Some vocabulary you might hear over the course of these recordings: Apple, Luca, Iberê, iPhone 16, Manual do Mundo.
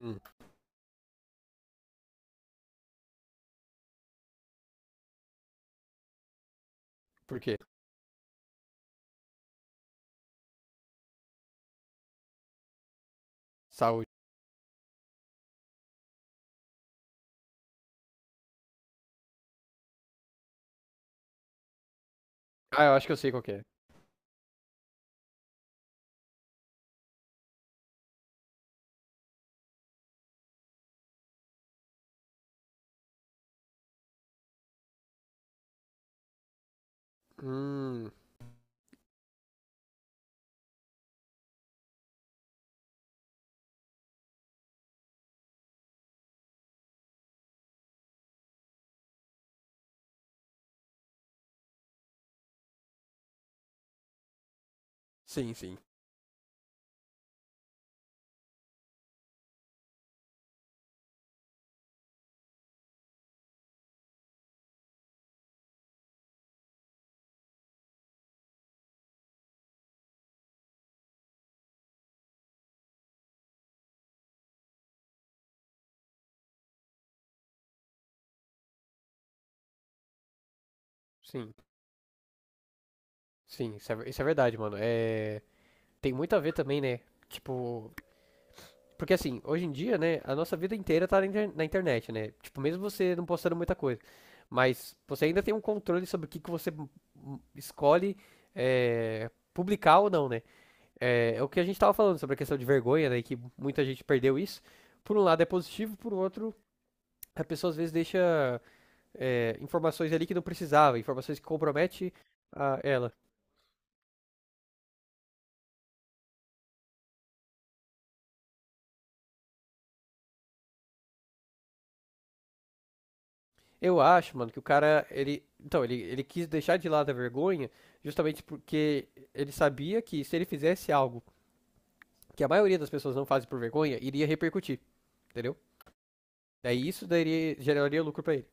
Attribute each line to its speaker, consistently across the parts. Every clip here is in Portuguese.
Speaker 1: Hum, por quê? Saúde. Ah, eu acho que eu sei qual que é. Hum, sim, sim. Sim, sim, isso é, isso é verdade, mano. É, tem muito a ver também, né? Tipo, porque assim, hoje em dia, né, a nossa vida inteira tá na internet, né? Tipo, mesmo você não postando muita coisa, mas você ainda tem um controle sobre o que que você escolhe publicar ou não, né? É, é o que a gente tava falando sobre a questão de vergonha, né? Que muita gente perdeu isso. Por um lado é positivo, por outro, a pessoa às vezes deixa informações ali que não precisava, informações que compromete a ela. Eu acho, mano, que o cara, ele, então, ele quis deixar de lado a vergonha justamente porque ele sabia que se ele fizesse algo que a maioria das pessoas não fazem por vergonha, iria repercutir, entendeu? Daí isso daria, geraria lucro pra ele.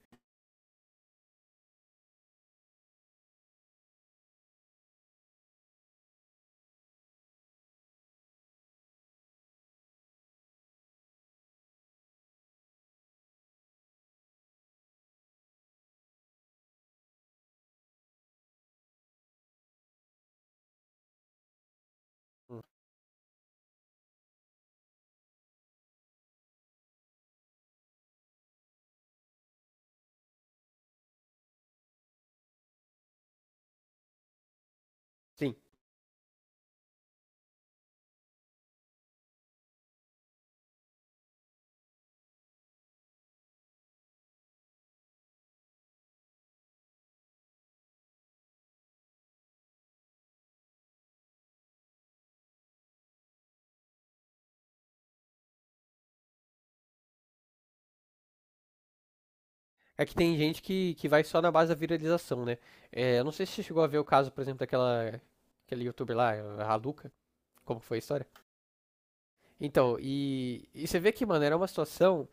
Speaker 1: Sim. É que tem gente que vai só na base da viralização, né? É, eu não sei se você chegou a ver o caso, por exemplo, daquela aquele youtuber lá, a Luca, como que foi a história? Então, e você vê que, mano, era uma situação.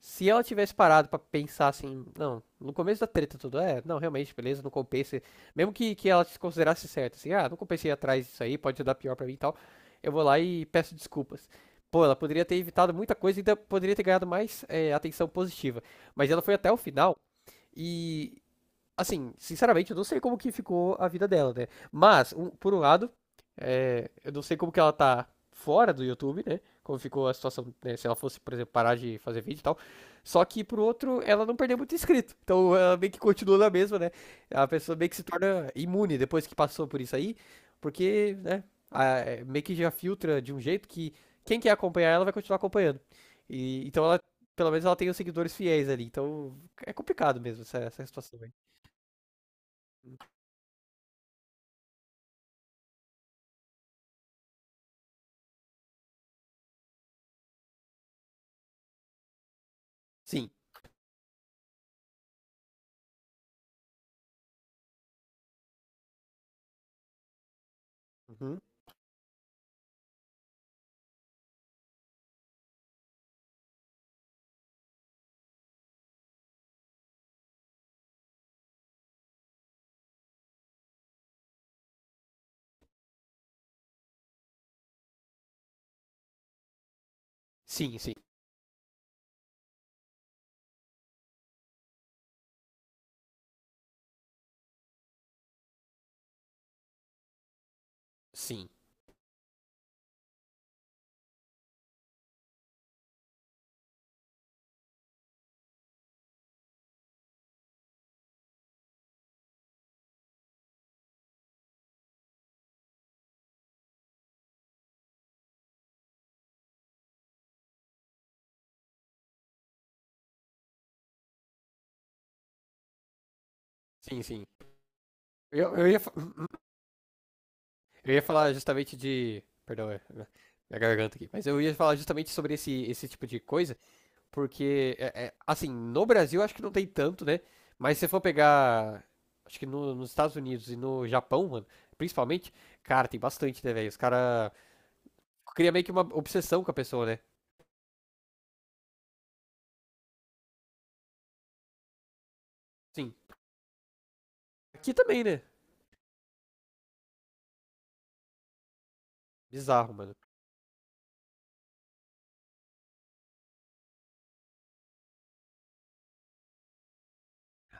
Speaker 1: Se ela tivesse parado pra pensar assim, não, no começo da treta tudo, é, não, realmente, beleza, não compensa. Mesmo que ela se considerasse certa, assim, ah, não compensei atrás disso aí, pode dar pior pra mim e tal, eu vou lá e peço desculpas. Pô, ela poderia ter evitado muita coisa e ainda poderia ter ganhado mais atenção positiva. Mas ela foi até o final e assim, sinceramente, eu não sei como que ficou a vida dela, né? Mas, por um lado, eu não sei como que ela tá fora do YouTube, né? Como ficou a situação, né? Se ela fosse, por exemplo, parar de fazer vídeo e tal. Só que, por outro, ela não perdeu muito inscrito. Então, ela meio que continua na mesma, né? A pessoa meio que se torna imune depois que passou por isso aí. Porque, né? É, meio que já filtra de um jeito que quem quer acompanhar ela vai continuar acompanhando. E, então, ela, pelo menos ela tem os seguidores fiéis ali. Então, é complicado mesmo essa situação aí. Sim. Uhum. Sim, sim. Sim. Sim, sim. Eu ia, eu ia falar justamente de. Perdão, minha garganta aqui. Mas eu ia falar justamente sobre esse tipo de coisa, porque, assim, no Brasil acho que não tem tanto, né? Mas se você for pegar. Acho que nos Estados Unidos e no Japão, mano, principalmente, cara, tem bastante, né, velho? Os caras criam meio que uma obsessão com a pessoa, né? Sim. Aqui também, né? Bizarro, mano.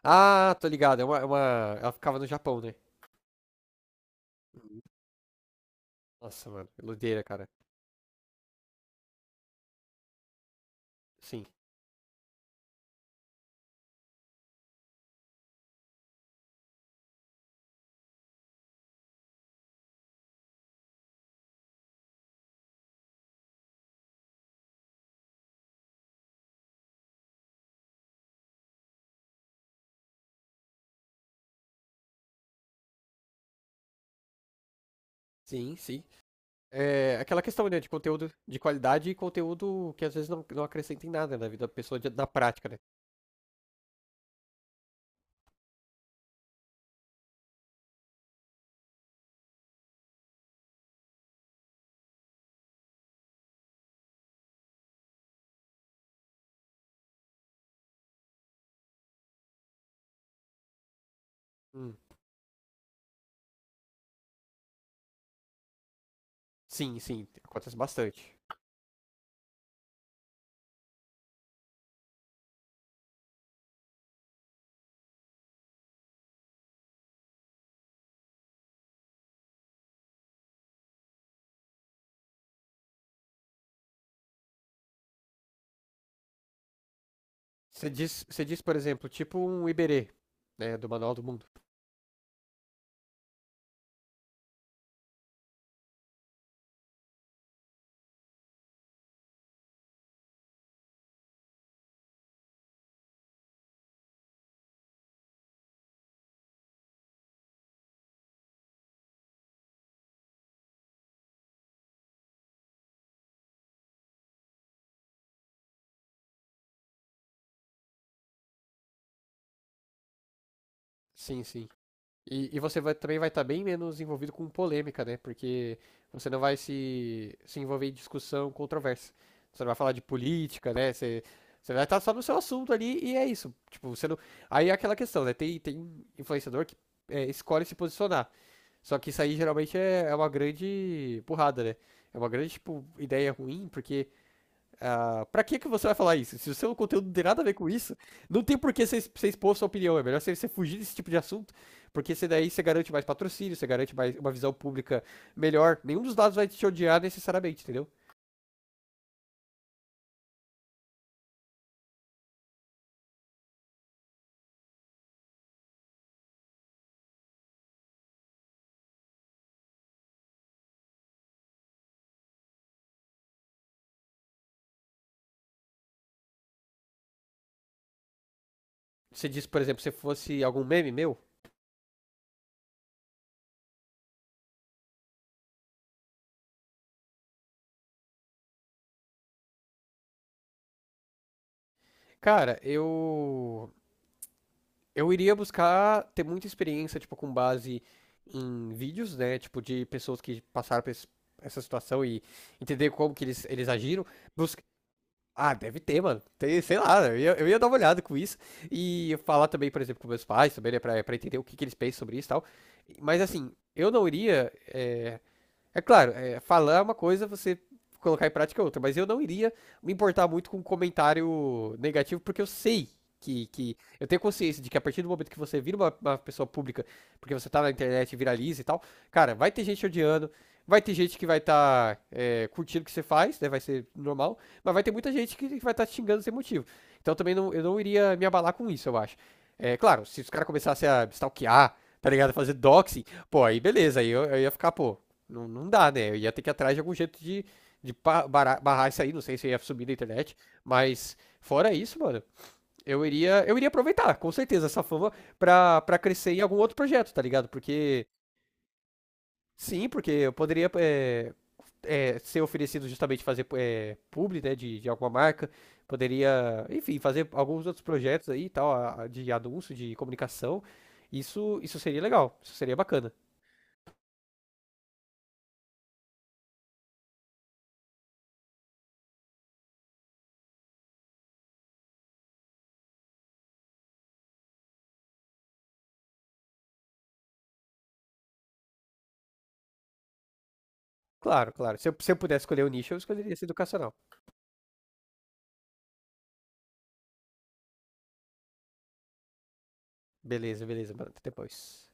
Speaker 1: Ah, tô ligado. É uma... Ela ficava no Japão, né? Nossa, mano, que doideira, cara. Sim, sim, sim. É aquela questão, né, de conteúdo de qualidade e conteúdo que às vezes não, não acrescenta em nada na vida da pessoa na prática, né? Hum, sim, sim, acontece bastante. Você diz, por exemplo, tipo um Iberê, né, do Manual do Mundo. Sim, sim. E você também vai estar bem menos envolvido com polêmica, né? Porque você não vai se envolver em discussão controversa. Você não vai falar de política, né? Você, você vai estar só no seu assunto ali e é isso. Tipo, você não... Aí é aquela questão, né? Tem, tem influenciador que escolhe se posicionar. Só que isso aí geralmente é uma grande burrada, né? É uma grande, tipo, ideia ruim, porque ah, pra que que você vai falar isso? Se o seu conteúdo não tem nada a ver com isso, não tem por que você, você expor sua opinião. É melhor você, você fugir desse tipo de assunto, porque você daí você garante mais patrocínio, você garante mais uma visão pública melhor. Nenhum dos lados vai te odiar necessariamente, entendeu? Você disse, por exemplo, se fosse algum meme meu, cara, eu iria buscar ter muita experiência, tipo, com base em vídeos, né? Tipo, de pessoas que passaram por essa situação e entender como que eles agiram. Bus- Ah, deve ter, mano. Tem, sei lá, eu ia dar uma olhada com isso. E falar também, por exemplo, com meus pais, também, né, pra entender o que, que eles pensam sobre isso e tal. Mas assim, eu não iria. É claro, falar é uma coisa, você colocar em prática é outra, mas eu não iria me importar muito com comentário negativo, porque eu sei que eu tenho consciência de que a partir do momento que você vira uma pessoa pública, porque você tá na internet, viraliza e tal, cara, vai ter gente odiando, vai ter gente que vai estar curtindo o que você faz, né? Vai ser normal, mas vai ter muita gente que vai estar xingando sem motivo. Então também não, eu não iria me abalar com isso, eu acho. É claro, se os caras começassem a stalkear, tá ligado? Fazer doxing, pô, aí beleza, eu ia ficar, pô, não, não dá, né? Eu ia ter que ir atrás de algum jeito de, de pa- barrar isso aí. Não sei se ia subir na internet. Mas, fora isso, mano, eu iria aproveitar, com certeza, essa fama pra crescer em algum outro projeto, tá ligado? Porque, sim, porque eu poderia ser oferecido justamente fazer publi, né, de alguma marca. Poderia, enfim, fazer alguns outros projetos aí e tal, de anúncio, de comunicação. Isso seria legal, isso seria bacana. Claro, claro. Se eu pudesse escolher o nicho, eu escolheria esse educacional. Beleza, beleza, até depois.